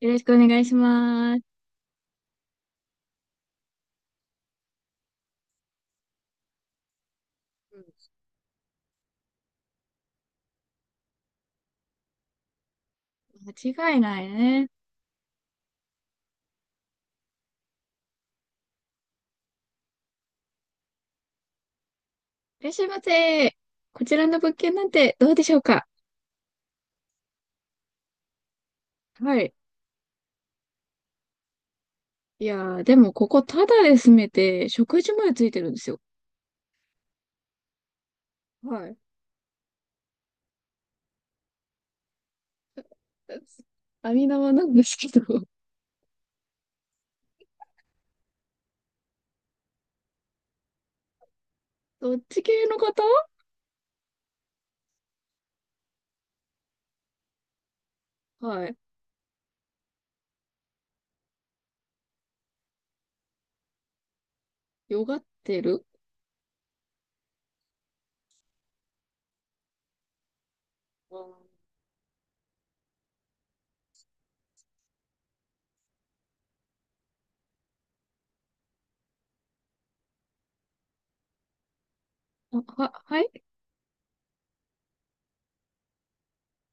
よろしくお願いします。うん、間違いないね。いらっしゃいませ。こちらの物件なんてどうでしょうか？はい。いやー、でもここタダで住めて、食事までついてるんですよ。はい。網縄なんですけど。どっち系の方？はい。よがってる？あ、はい。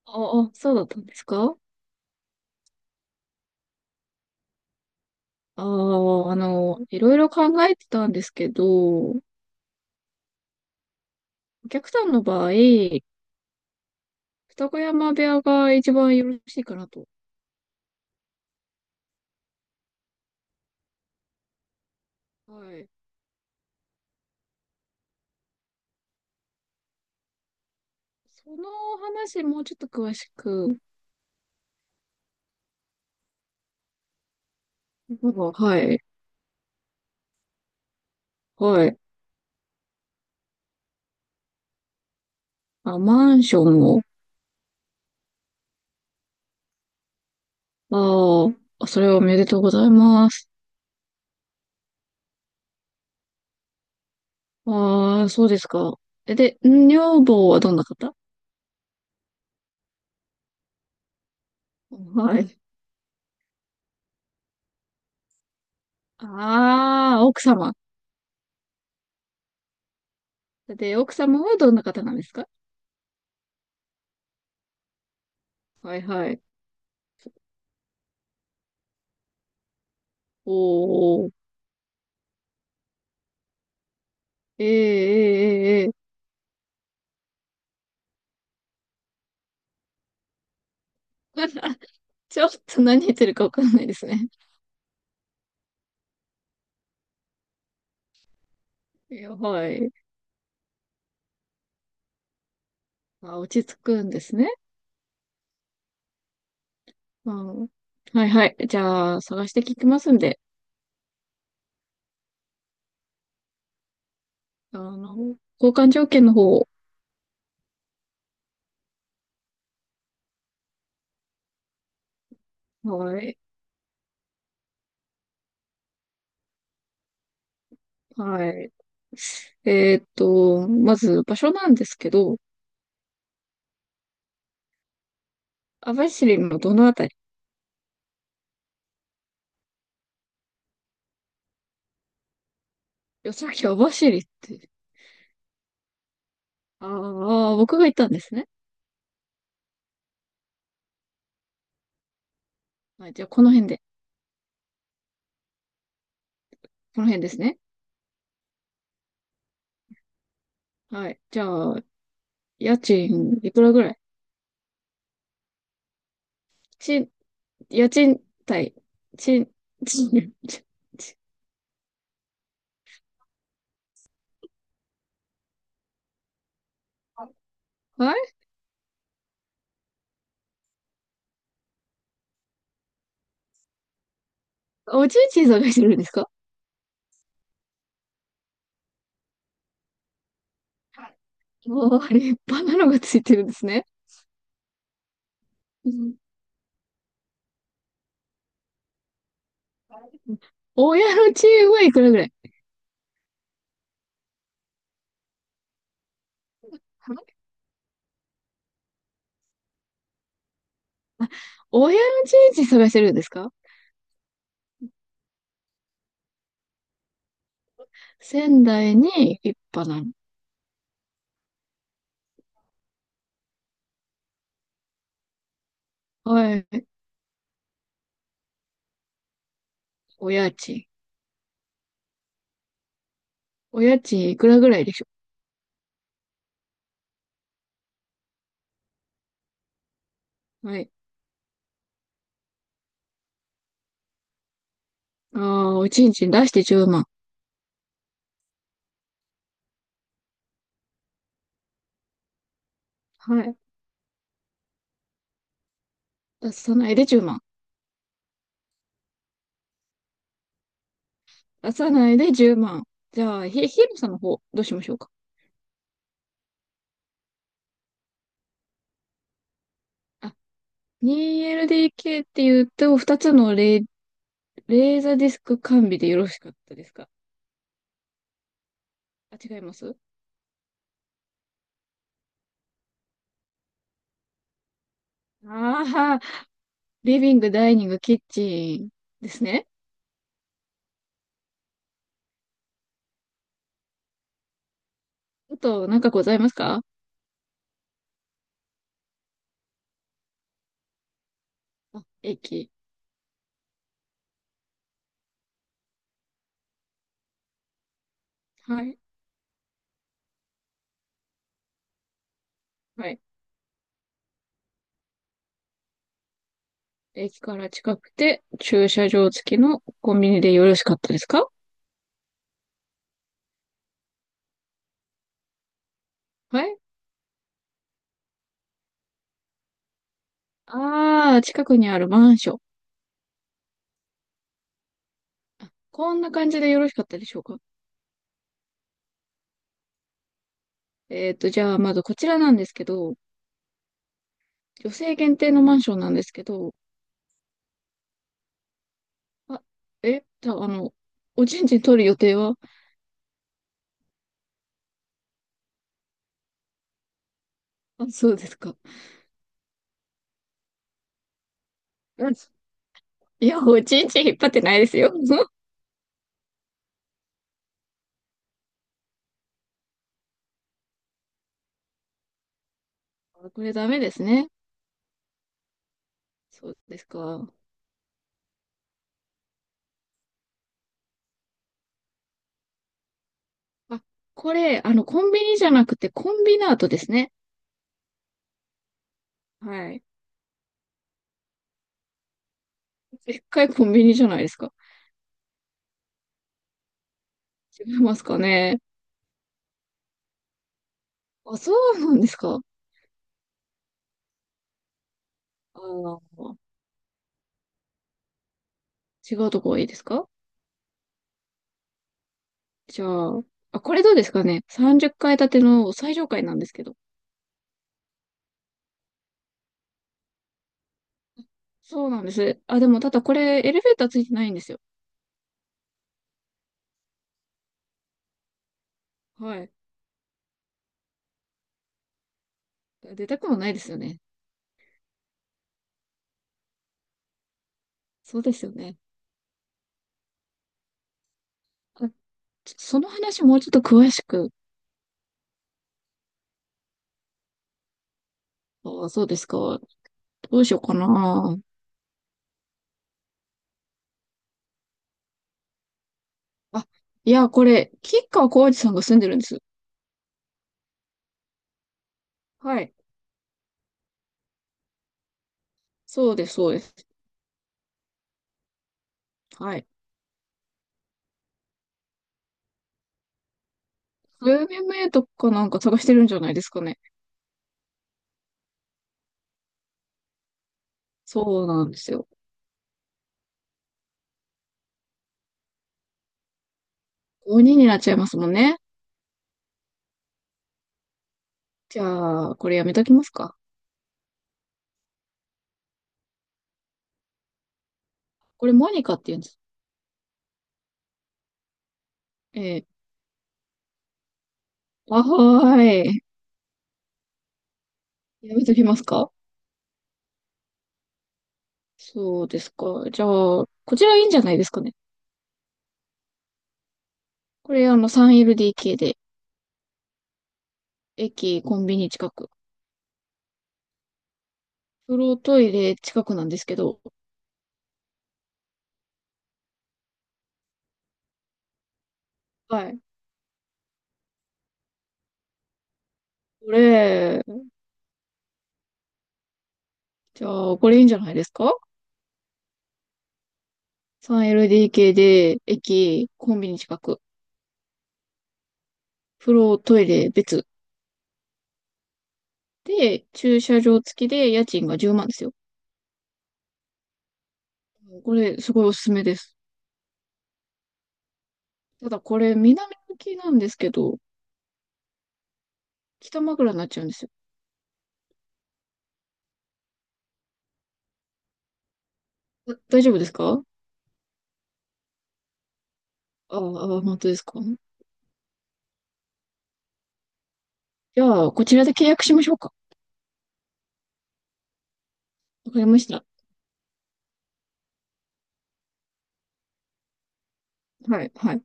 そうだったんですか？ああー、いろいろ考えてたんですけど、お客さんの場合、二子山部屋が一番よろしいかなと。はい。その話、もうちょっと詳しく。はい。はい。あ、マンションを。ああ、それはおめでとうございます。ああ、そうですか。え、で、女房はどんな方？はい。ああ、奥様。で、奥様はどんな方なんですか？はいはい。おー。ええええええ。 ちょっと何言ってるかわかんないですね。いや、はい。あ、落ち着くんですね。うん、はいはい。じゃあ、探して聞きますんで。あの、交換条件の方、はい、はい。まず場所なんですけど、網走のどのあたり？いや、さっき網走って。ああ、僕が言ったんですね。はい、じゃあこの辺で。この辺ですね。はい、じゃあ、家賃いくらぐらい？ち、家賃対、ち、ち、ち、ちはい。おちんちん探してるんですか？もう、立派なのがついてるんですね。うん。親のチームはいくらぐらい？親の人事探してるんですか？仙台に一派なの。はい。お家賃。お家賃いくらぐらいでしょう？はい。ああ、おちんちん出して10万。はい。出さないで10万。出さないで10万。じゃあ、ひろさんの方、どうしましょうか。あ、2LDK って言うと、2つのレ、レーザーディスク完備でよろしかったですか？あ、違います？ああー、リビング、ダイニング、キッチンですね。あと、なんかございますか？あ、駅。はい。はい。駅から近くて、駐車場付きのコンビニでよろしかったですか？はい。あー、近くにあるマンション。こんな感じでよろしかったでしょうか？じゃあ、まずこちらなんですけど、女性限定のマンションなんですけど。あ、え、た、あの、おちんちん取る予定は？あ、そうですか。うん。いや、おちんちん引っ張ってないですよ。あ、これダメですね。そうですか。あ、これ、コンビニじゃなくて、コンビナートですね。はい。でっかいコンビニじゃないですか。違いますかね。あ、そうなんですか。あー。違うとこがいいですか？じゃあ、あ、これどうですかね。30階建ての最上階なんですけど。そうなんです。あ、でもただこれエレベーターついてないんですよ。はい。出たくもないですよね。そうですよね。あ、ちょ、その話もうちょっと詳しく。あ、そうですか。どうしようかな。あ、いや、これ、吉川晃司さんが住んでるんです。はい。そうです、そうです。はい。UMA とかなんか探してるんじゃないですかね。そうなんですよ。5人になっちゃいますもんね。じゃあ、これやめときますか。これモニカって言うんです。えー、あ、はーい。やめときますか。そうですか。じゃあ、こちらいいんじゃないですかね。これあの 3LDK で、駅、コンビニ近く。風呂、トイレ近くなんですけど。はい。これ、じゃあ、これいいんじゃないですか？ 3LDK で、駅、コンビニ近く。風呂、トイレ別。で、駐車場付きで家賃が10万ですよ。これ、すごいおすすめです。ただこれ、南向きなんですけど、北枕になっちゃうんですよ。だ、大丈夫ですか？ああ、あ、本当ですか？じゃあ、こちらで契約しましょうか。わかりました。はい、はい。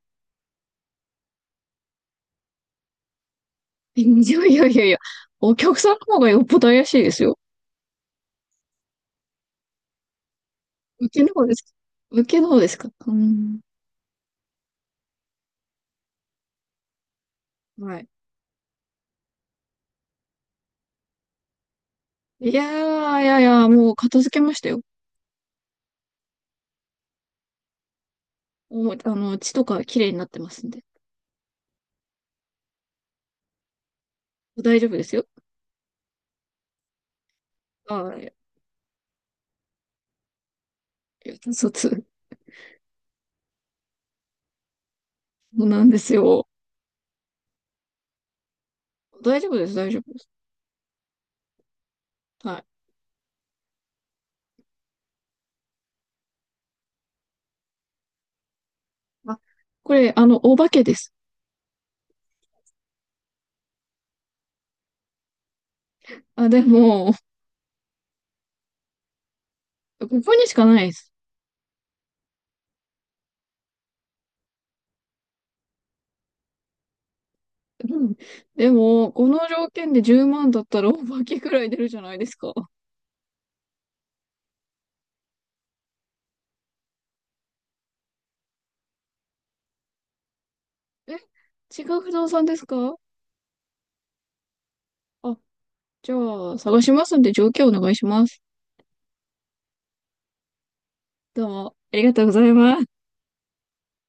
いやいやいやいや、お客さんの方がよっぽど怪しいですよ。受けの方ですか？受けの方ですか？うん。はい。いやー、もう片付けましたよ。もう、あの、血とか綺麗になってますんで。大丈夫ですよ。ああ、いや、そうなんですよ。大丈夫です、大丈夫です。はい。あ、これ、あの、お化けです。あ、でも、ここにしかないです。うん。でも、この条件で10万だったらお化けくらい出るじゃないですか。え、違う不動産ですか？あ、じゃあ、探しますんで条件お願いします。どうも、ありがとうございます。